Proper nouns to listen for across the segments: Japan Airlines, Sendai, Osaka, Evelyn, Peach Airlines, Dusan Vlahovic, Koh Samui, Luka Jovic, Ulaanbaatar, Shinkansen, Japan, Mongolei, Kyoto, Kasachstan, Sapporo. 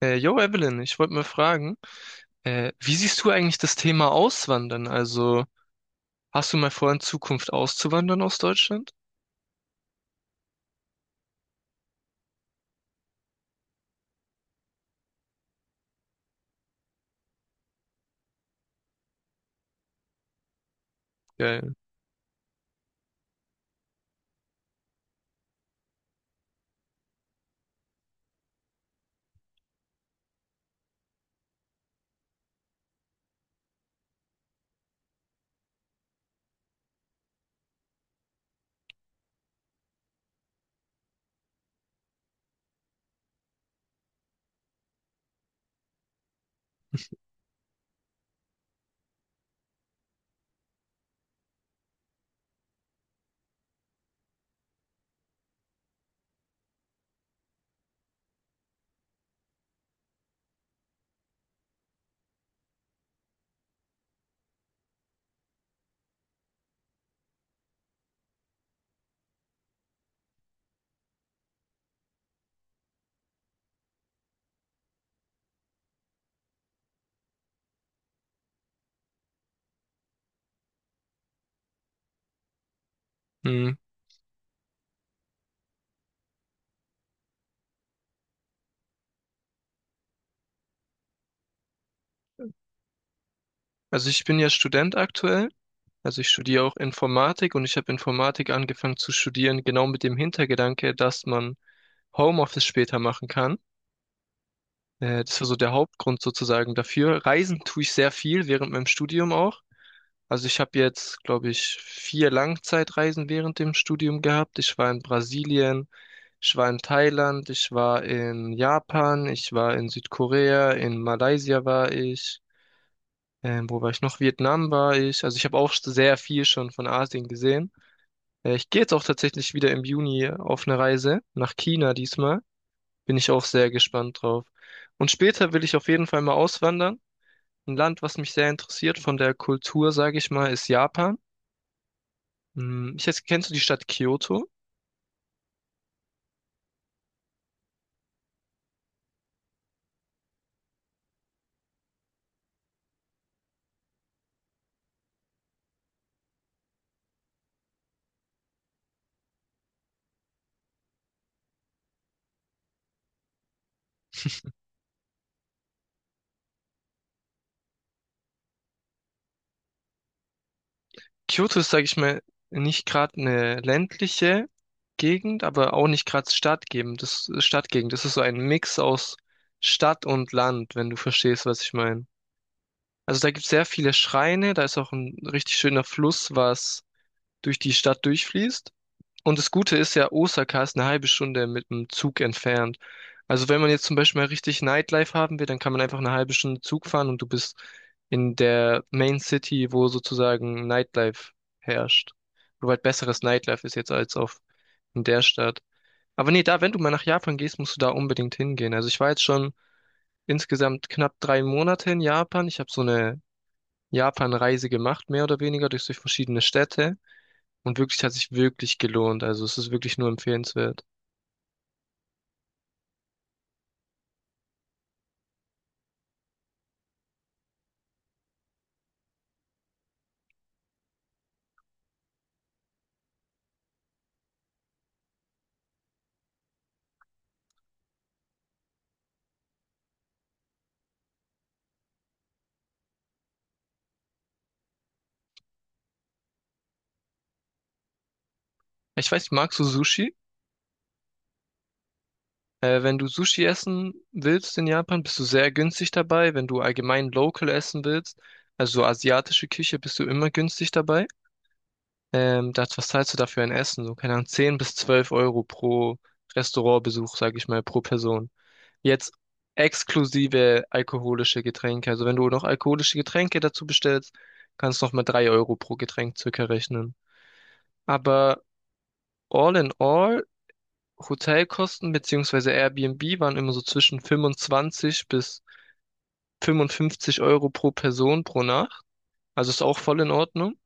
Yo, Evelyn, ich wollte mal fragen, wie siehst du eigentlich das Thema Auswandern? Also, hast du mal vor, in Zukunft auszuwandern aus Deutschland? Geil. Hm. Also, ich bin ja Student aktuell. Also, ich studiere auch Informatik und ich habe Informatik angefangen zu studieren, genau mit dem Hintergedanke, dass man Homeoffice später machen kann. Das war so der Hauptgrund sozusagen dafür. Reisen tue ich sehr viel während meinem Studium auch. Also ich habe jetzt, glaube ich, 4 Langzeitreisen während dem Studium gehabt. Ich war in Brasilien, ich war in Thailand, ich war in Japan, ich war in Südkorea, in Malaysia war ich, wo war ich noch? Vietnam war ich. Also ich habe auch sehr viel schon von Asien gesehen. Ich gehe jetzt auch tatsächlich wieder im Juni auf eine Reise nach China diesmal. Bin ich auch sehr gespannt drauf. Und später will ich auf jeden Fall mal auswandern. Ein Land, was mich sehr interessiert von der Kultur, sage ich mal, ist Japan. Hm, ich jetzt, kennst du die Stadt Kyoto? Kyoto ist, sage ich mal, nicht gerade eine ländliche Gegend, aber auch nicht gerade Stadtgegend. Das Stadtgegend. Das ist so ein Mix aus Stadt und Land, wenn du verstehst, was ich meine. Also da gibt es sehr viele Schreine, da ist auch ein richtig schöner Fluss, was durch die Stadt durchfließt. Und das Gute ist ja, Osaka ist eine halbe Stunde mit dem Zug entfernt. Also wenn man jetzt zum Beispiel mal richtig Nightlife haben will, dann kann man einfach eine halbe Stunde Zug fahren und du bist in der Main City, wo sozusagen Nightlife herrscht. Wo halt besseres Nightlife ist jetzt als auf in der Stadt. Aber nee, da, wenn du mal nach Japan gehst, musst du da unbedingt hingehen. Also ich war jetzt schon insgesamt knapp drei Monate in Japan. Ich habe so eine Japan-Reise gemacht, mehr oder weniger durch verschiedene Städte. Und wirklich hat sich wirklich gelohnt. Also es ist wirklich nur empfehlenswert. Ich weiß, magst du Sushi? Wenn du Sushi essen willst in Japan, bist du sehr günstig dabei. Wenn du allgemein local essen willst, also so asiatische Küche, bist du immer günstig dabei. Was zahlst du dafür ein Essen? So, keine Ahnung, 10 bis 12 Euro pro Restaurantbesuch, sage ich mal, pro Person. Jetzt exklusive alkoholische Getränke. Also wenn du noch alkoholische Getränke dazu bestellst, kannst du noch mal 3 Euro pro Getränk circa rechnen. Aber all in all, Hotelkosten beziehungsweise Airbnb waren immer so zwischen 25 bis 55 Euro pro Person pro Nacht. Also ist auch voll in Ordnung.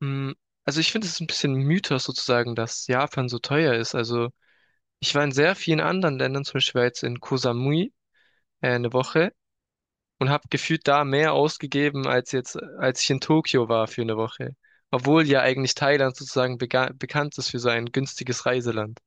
Mm, also ich finde, es ist ein bisschen Mythos sozusagen, dass Japan so teuer ist. Also ich war in sehr vielen anderen Ländern, zum Beispiel war jetzt in Koh Samui eine Woche und habe gefühlt da mehr ausgegeben als jetzt, als ich in Tokio war für eine Woche. Obwohl ja eigentlich Thailand sozusagen bekannt ist für sein günstiges Reiseland.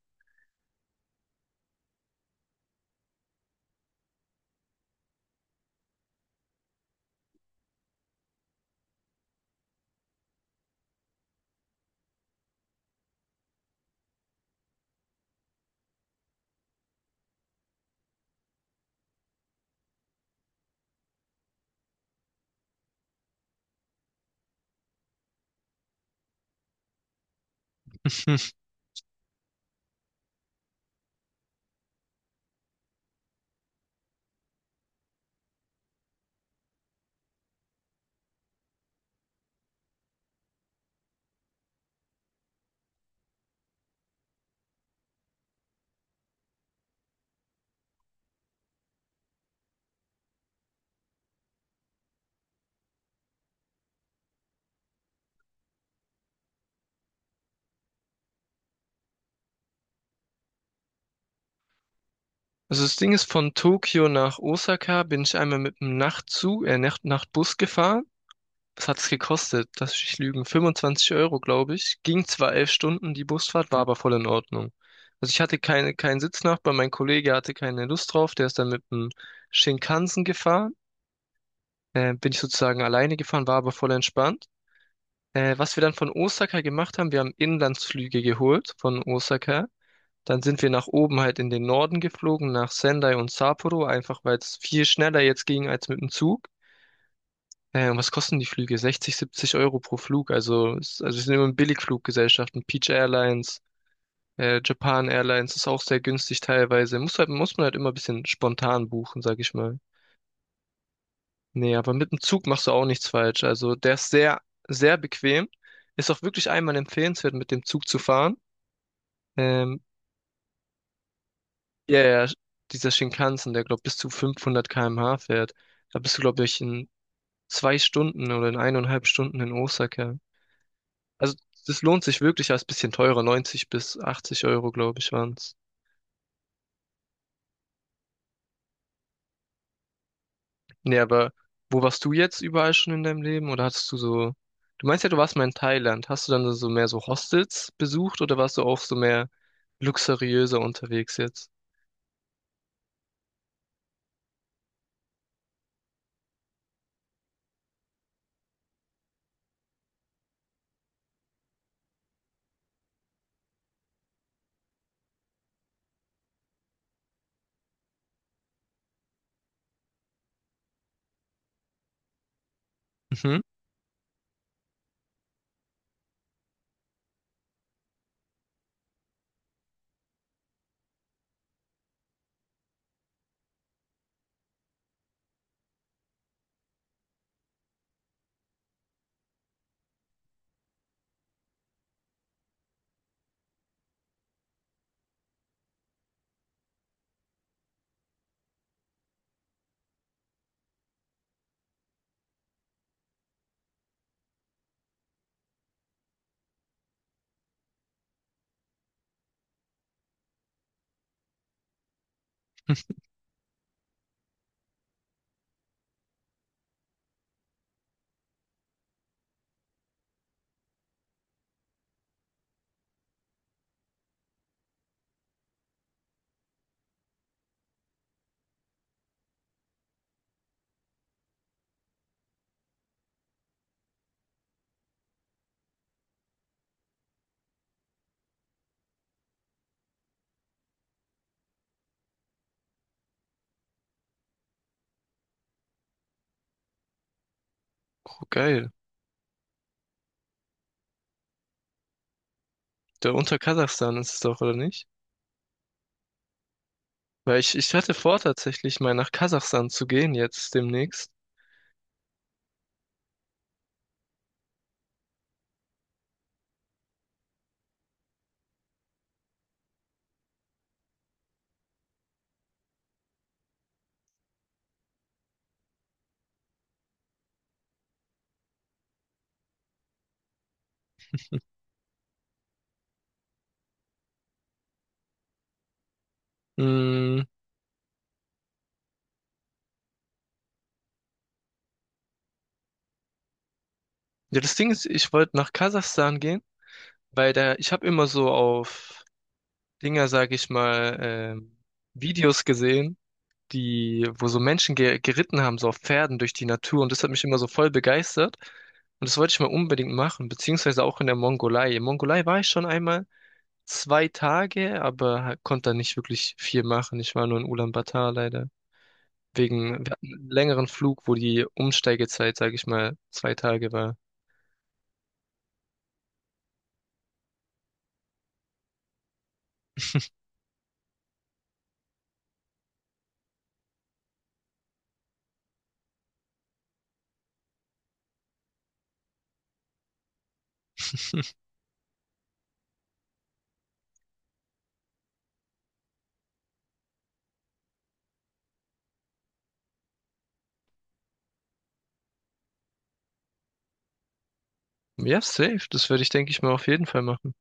Also das Ding ist, von Tokio nach Osaka bin ich einmal mit einem Nachtzug, Nachtbus gefahren. Was hat es gekostet? Lass mich nicht lügen. 25 Euro, glaube ich. Ging zwar 11 Stunden, die Busfahrt war aber voll in Ordnung. Also ich hatte keinen Sitznachbar, mein Kollege hatte keine Lust drauf, der ist dann mit einem Shinkansen gefahren. Bin ich sozusagen alleine gefahren, war aber voll entspannt. Was wir dann von Osaka gemacht haben, wir haben Inlandsflüge geholt von Osaka. Dann sind wir nach oben halt in den Norden geflogen, nach Sendai und Sapporo, einfach weil es viel schneller jetzt ging als mit dem Zug. Was kosten die Flüge? 60, 70 Euro pro Flug. Also, also wir sind immer in Billigfluggesellschaften. Peach Airlines, Japan Airlines ist auch sehr günstig teilweise. Muss man halt immer ein bisschen spontan buchen, sag ich mal. Nee, aber mit dem Zug machst du auch nichts falsch. Also der ist sehr, sehr bequem. Ist auch wirklich einmal empfehlenswert, mit dem Zug zu fahren. Ähm, Ja, ja, dieser Shinkansen, der glaube bis zu 500 km/h fährt. Da bist du, glaube ich, in zwei Stunden oder in eineinhalb Stunden in Osaka. Also, das lohnt sich wirklich, als bisschen teurer. 90 bis 80 Euro, glaube ich, waren's. Nee, aber wo warst du jetzt überall schon in deinem Leben? Oder hattest du so. Du meinst ja, du warst mal in Thailand. Hast du dann so mehr so Hostels besucht oder warst du auch so mehr luxuriöser unterwegs jetzt? Mhm. Oh, geil. Da unter Kasachstan ist es doch, oder nicht? Ich hatte vor, tatsächlich mal nach Kasachstan zu gehen, jetzt demnächst. Mm, ja, das Ding ist, ich wollte nach Kasachstan gehen, weil da, ich habe immer so auf Dinger, sag ich mal, Videos gesehen, die, wo so Menschen ge geritten haben, so auf Pferden durch die Natur. Und das hat mich immer so voll begeistert. Und das wollte ich mal unbedingt machen, beziehungsweise auch in der Mongolei. In Mongolei war ich schon einmal zwei Tage, aber konnte da nicht wirklich viel machen. Ich war nur in Ulaanbaatar leider. Wegen, wir hatten einen längeren Flug, wo die Umsteigezeit, sage ich mal, zwei Tage war. Ja, safe. Das würde ich, denke ich mal, auf jeden Fall machen.